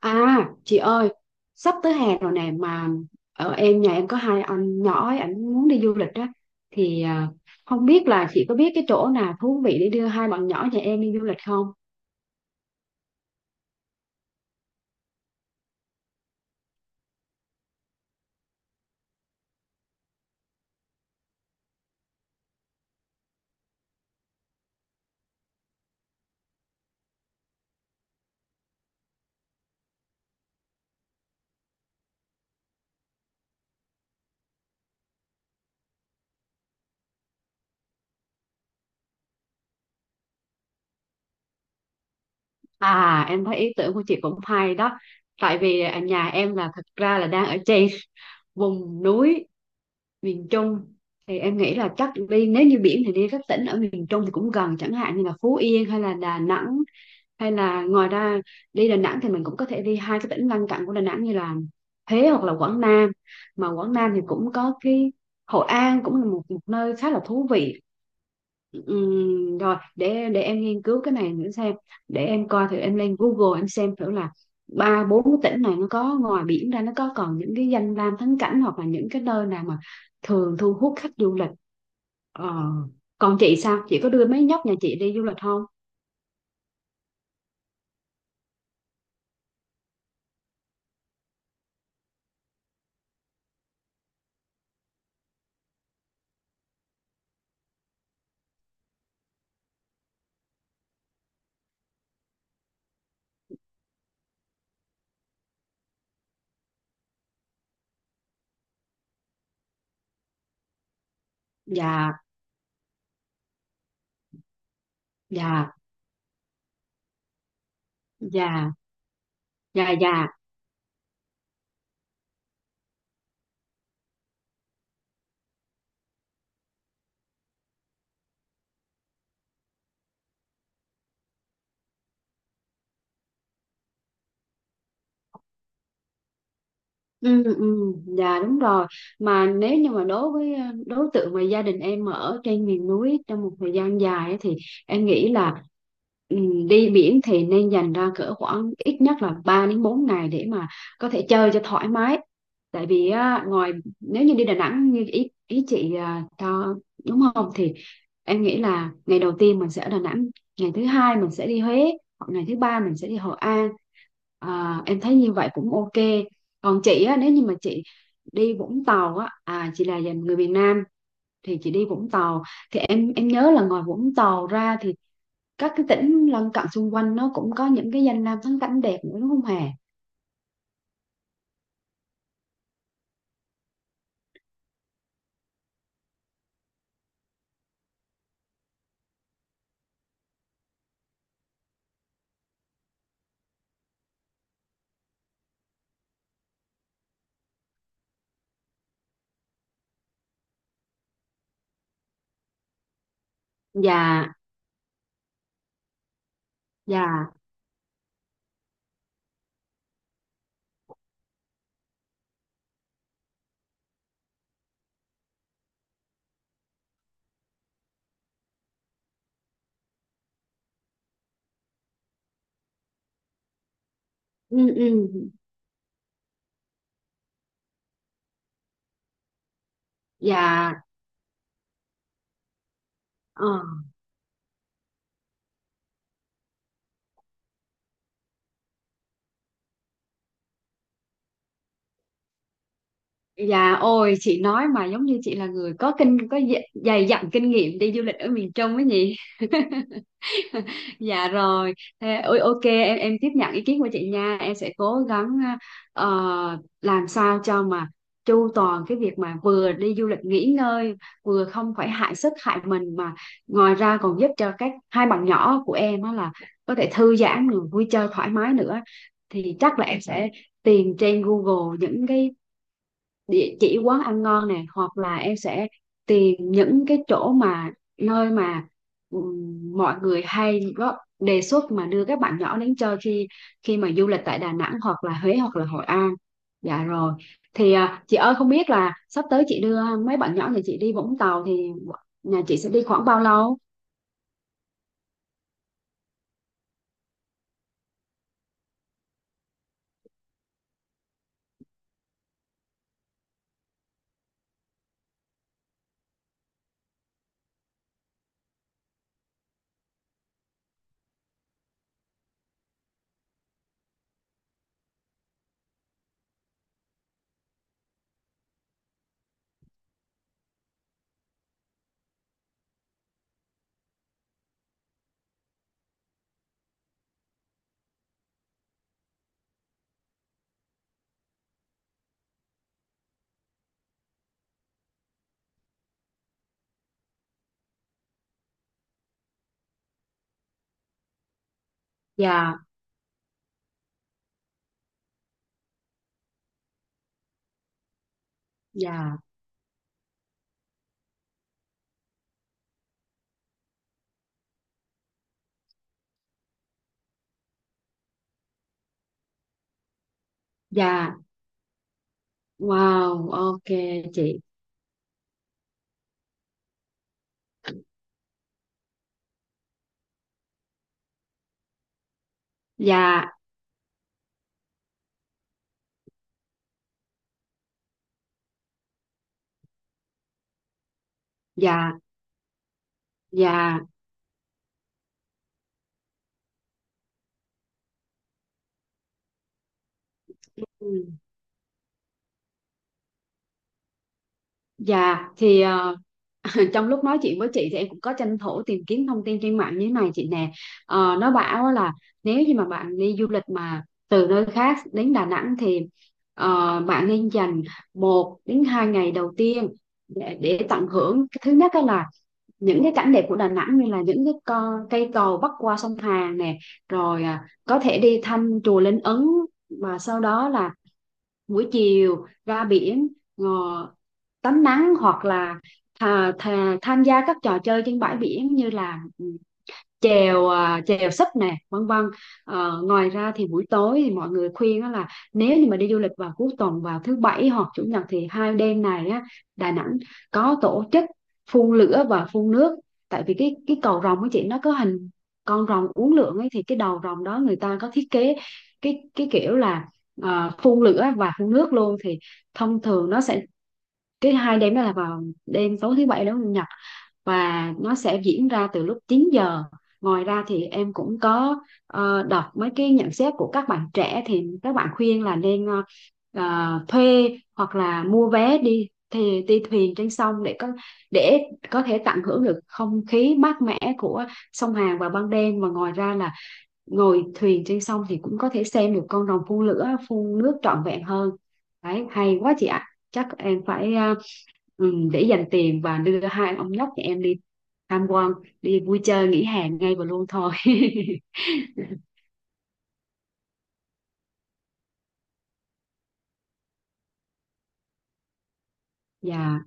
À chị ơi, sắp tới hè rồi nè mà ở em nhà em có hai anh nhỏ ấy, ảnh muốn đi du lịch á. Thì không biết là chị có biết cái chỗ nào thú vị để đưa hai bạn nhỏ nhà em đi du lịch không? À, em thấy ý tưởng của chị cũng hay đó. Tại vì ở nhà em là thật ra là đang ở trên vùng núi miền Trung, thì em nghĩ là chắc đi, nếu như biển thì đi các tỉnh ở miền Trung thì cũng gần, chẳng hạn như là Phú Yên hay là Đà Nẵng, hay là ngoài ra đi Đà Nẵng thì mình cũng có thể đi hai cái tỉnh lân cận của Đà Nẵng như là Huế hoặc là Quảng Nam. Mà Quảng Nam thì cũng có cái Hội An cũng là một nơi khá là thú vị. Rồi để em nghiên cứu cái này nữa xem, để em coi thử em lên Google em xem thử là ba bốn cái tỉnh này nó có ngoài biển ra nó có còn những cái danh lam thắng cảnh hoặc là những cái nơi nào mà thường thu hút khách du lịch. ờ. Còn chị sao, chị có đưa mấy nhóc nhà chị đi du lịch không? Dạ. Dạ. Dạ. Dạ. Dạ. Ừ, ừ, dạ đúng rồi. Mà nếu như mà đối với đối tượng mà gia đình em ở trên miền núi trong một thời gian dài ấy, thì em nghĩ là ừ, đi biển thì nên dành ra cỡ khoảng ít nhất là 3 đến 4 ngày để mà có thể chơi cho thoải mái. Tại vì á, ngoài nếu như đi Đà Nẵng như ý ý chị cho đúng không thì em nghĩ là ngày đầu tiên mình sẽ ở Đà Nẵng, ngày thứ hai mình sẽ đi Huế, hoặc ngày thứ ba mình sẽ đi Hội An. À, em thấy như vậy cũng ok. Còn chị á, nếu như mà chị đi Vũng Tàu á, chị là dành người miền Nam, thì chị đi Vũng Tàu thì em nhớ là ngoài Vũng Tàu ra thì các cái tỉnh lân cận xung quanh nó cũng có những cái danh lam thắng cảnh đẹp nữa, đúng không Hà? Dạ. Dạ. Ừ. Ừ. Dạ. Ờ. Dạ, ôi chị nói mà giống như chị là người có kinh có dày dày dặn kinh nghiệm đi du lịch ở miền Trung ấy nhỉ. Dạ rồi. Thế, ôi, ok, em tiếp nhận ý kiến của chị nha, em sẽ cố gắng ờ, làm sao cho mà chu toàn cái việc mà vừa đi du lịch nghỉ ngơi, vừa không phải hại sức hại mình, mà ngoài ra còn giúp cho các hai bạn nhỏ của em á là có thể thư giãn rồi vui chơi thoải mái nữa. Thì chắc là em sẽ tìm trên Google những cái địa chỉ quán ăn ngon nè, hoặc là em sẽ tìm những cái chỗ mà nơi mà mọi người hay góp đề xuất mà đưa các bạn nhỏ đến chơi khi khi mà du lịch tại Đà Nẵng hoặc là Huế hoặc là Hội An. Dạ rồi. Thì chị ơi, không biết là sắp tới chị đưa mấy bạn nhỏ nhà chị đi Vũng Tàu thì nhà chị sẽ đi khoảng bao lâu? Dạ. Dạ. Dạ. Wow, ok. Chị. Dạ. Dạ. Dạ. Ừ. Dạ. Thì trong lúc nói chuyện với chị thì em cũng có tranh thủ tìm kiếm thông tin trên mạng như thế này chị nè. Nó bảo là nếu như mà bạn đi du lịch mà từ nơi khác đến Đà Nẵng thì bạn nên dành 1 đến 2 ngày đầu tiên để tận hưởng cái thứ nhất đó là những cái cảnh đẹp của Đà Nẵng như là những cái cây cầu bắc qua sông Hàn nè, rồi có thể đi thăm chùa Linh Ứng, và sau đó là buổi chiều ra biển, ờ, tắm nắng hoặc là thà, thà, tham gia các trò chơi trên bãi biển như là chèo sấp nè, vân vân. Ờ, ngoài ra thì buổi tối thì mọi người khuyên á là nếu như mà đi du lịch vào cuối tuần vào thứ bảy hoặc chủ nhật thì hai đêm này á Đà Nẵng có tổ chức phun lửa và phun nước. Tại vì cái cầu rồng của chị nó có hình con rồng uốn lượn ấy, thì cái đầu rồng đó người ta có thiết kế cái kiểu là phun lửa và phun nước luôn, thì thông thường nó sẽ cái hai đêm đó là vào đêm tối thứ bảy đến chủ nhật, và nó sẽ diễn ra từ lúc 9 giờ. Ngoài ra thì em cũng có đọc mấy cái nhận xét của các bạn trẻ, thì các bạn khuyên là nên thuê hoặc là mua vé đi thì đi thuyền trên sông để có thể tận hưởng được không khí mát mẻ của sông Hàn vào ban đêm, và ngoài ra là ngồi thuyền trên sông thì cũng có thể xem được con rồng phun lửa phun nước trọn vẹn hơn. Đấy hay quá chị ạ. Chắc em phải để dành tiền và đưa hai ông nhóc nhà em đi tham quan đi vui chơi nghỉ hè ngay và luôn thôi. Dạ.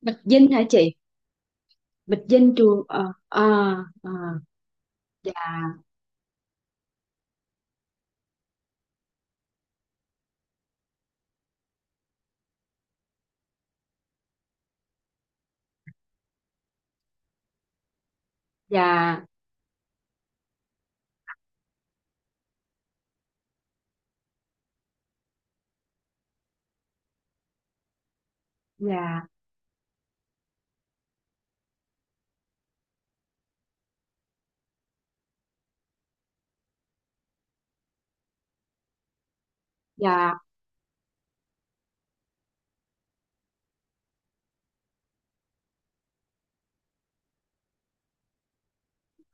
Bạch Dinh hả chị? Bạch Dinh trường ờ ờ ờ Dạ. Dạ. Dạ. Dạ.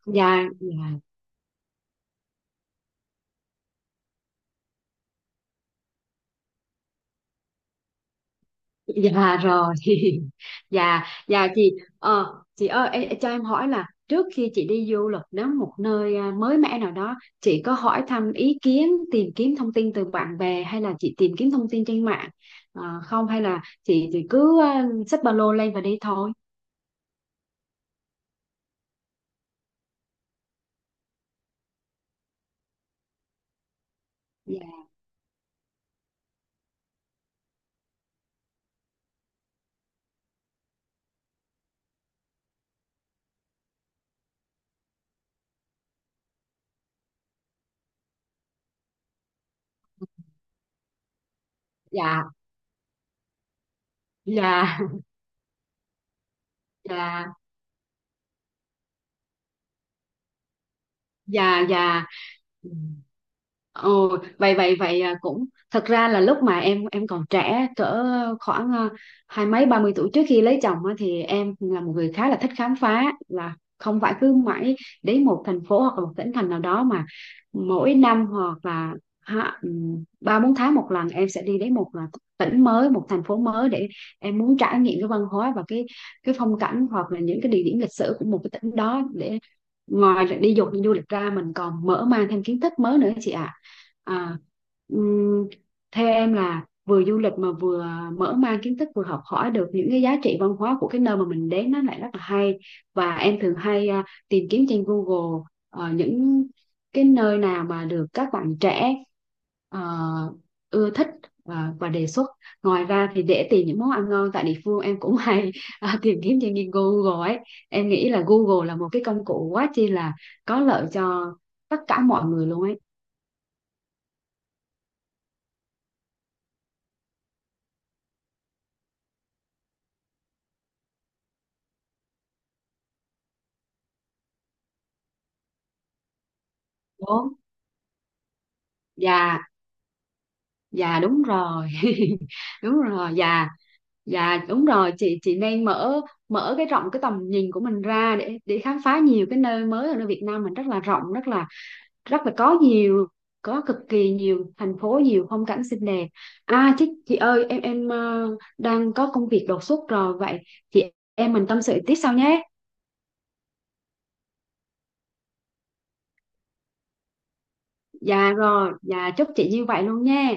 Dạ. Dạ. Dạ rồi. Dạ. Dạ chị. ờ chị ơi, ê, cho em hỏi là trước khi chị đi du lịch đến một nơi mới mẻ nào đó, chị có hỏi thăm ý kiến tìm kiếm thông tin từ bạn bè hay là chị tìm kiếm thông tin trên mạng? Ờ, không, hay là chị thì cứ xách ba lô lên và đi thôi? Dạ. Dạ. Dạ. Dạ. Dạ. Dạ. Ừ. Ồ, vậy, vậy, vậy, cũng thật ra là lúc mà em còn trẻ cỡ khoảng hai mấy 30 tuổi trước khi lấy chồng á, thì em là một người khá là thích khám phá, là không phải cứ mãi đến một thành phố hoặc là một tỉnh thành nào đó, mà mỗi năm hoặc là 3 4 tháng một lần em sẽ đi đến một là tỉnh mới một thành phố mới để em muốn trải nghiệm cái văn hóa và cái phong cảnh hoặc là những cái địa điểm lịch sử của một cái tỉnh đó, để ngoài là đi du lịch ra mình còn mở mang thêm kiến thức mới nữa chị ạ. à. ừm, Theo em là vừa du lịch mà vừa mở mang kiến thức, vừa học hỏi được những cái giá trị văn hóa của cái nơi mà mình đến, nó lại rất là hay. Và em thường hay tìm kiếm trên Google những cái nơi nào mà được các bạn trẻ ờ, ưa thích và đề xuất. Ngoài ra thì để tìm những món ăn ngon tại địa phương em cũng hay tìm kiếm trên Google ấy. Em nghĩ là Google là một cái công cụ quá chi là có lợi cho tất cả mọi người luôn ấy. Đúng. Dạ. Dạ. Đúng rồi. Đúng rồi. Dạ. Dạ. Đúng rồi chị nên mở mở cái rộng cái tầm nhìn của mình ra để khám phá nhiều cái nơi mới ở nơi Việt Nam mình, rất là rộng, rất là có nhiều, có cực kỳ nhiều thành phố nhiều phong cảnh xinh đẹp. À chị ơi, em đang có công việc đột xuất rồi, vậy chị em mình tâm sự tiếp sau nhé. Dạ rồi, dạ chúc chị như vậy luôn nha.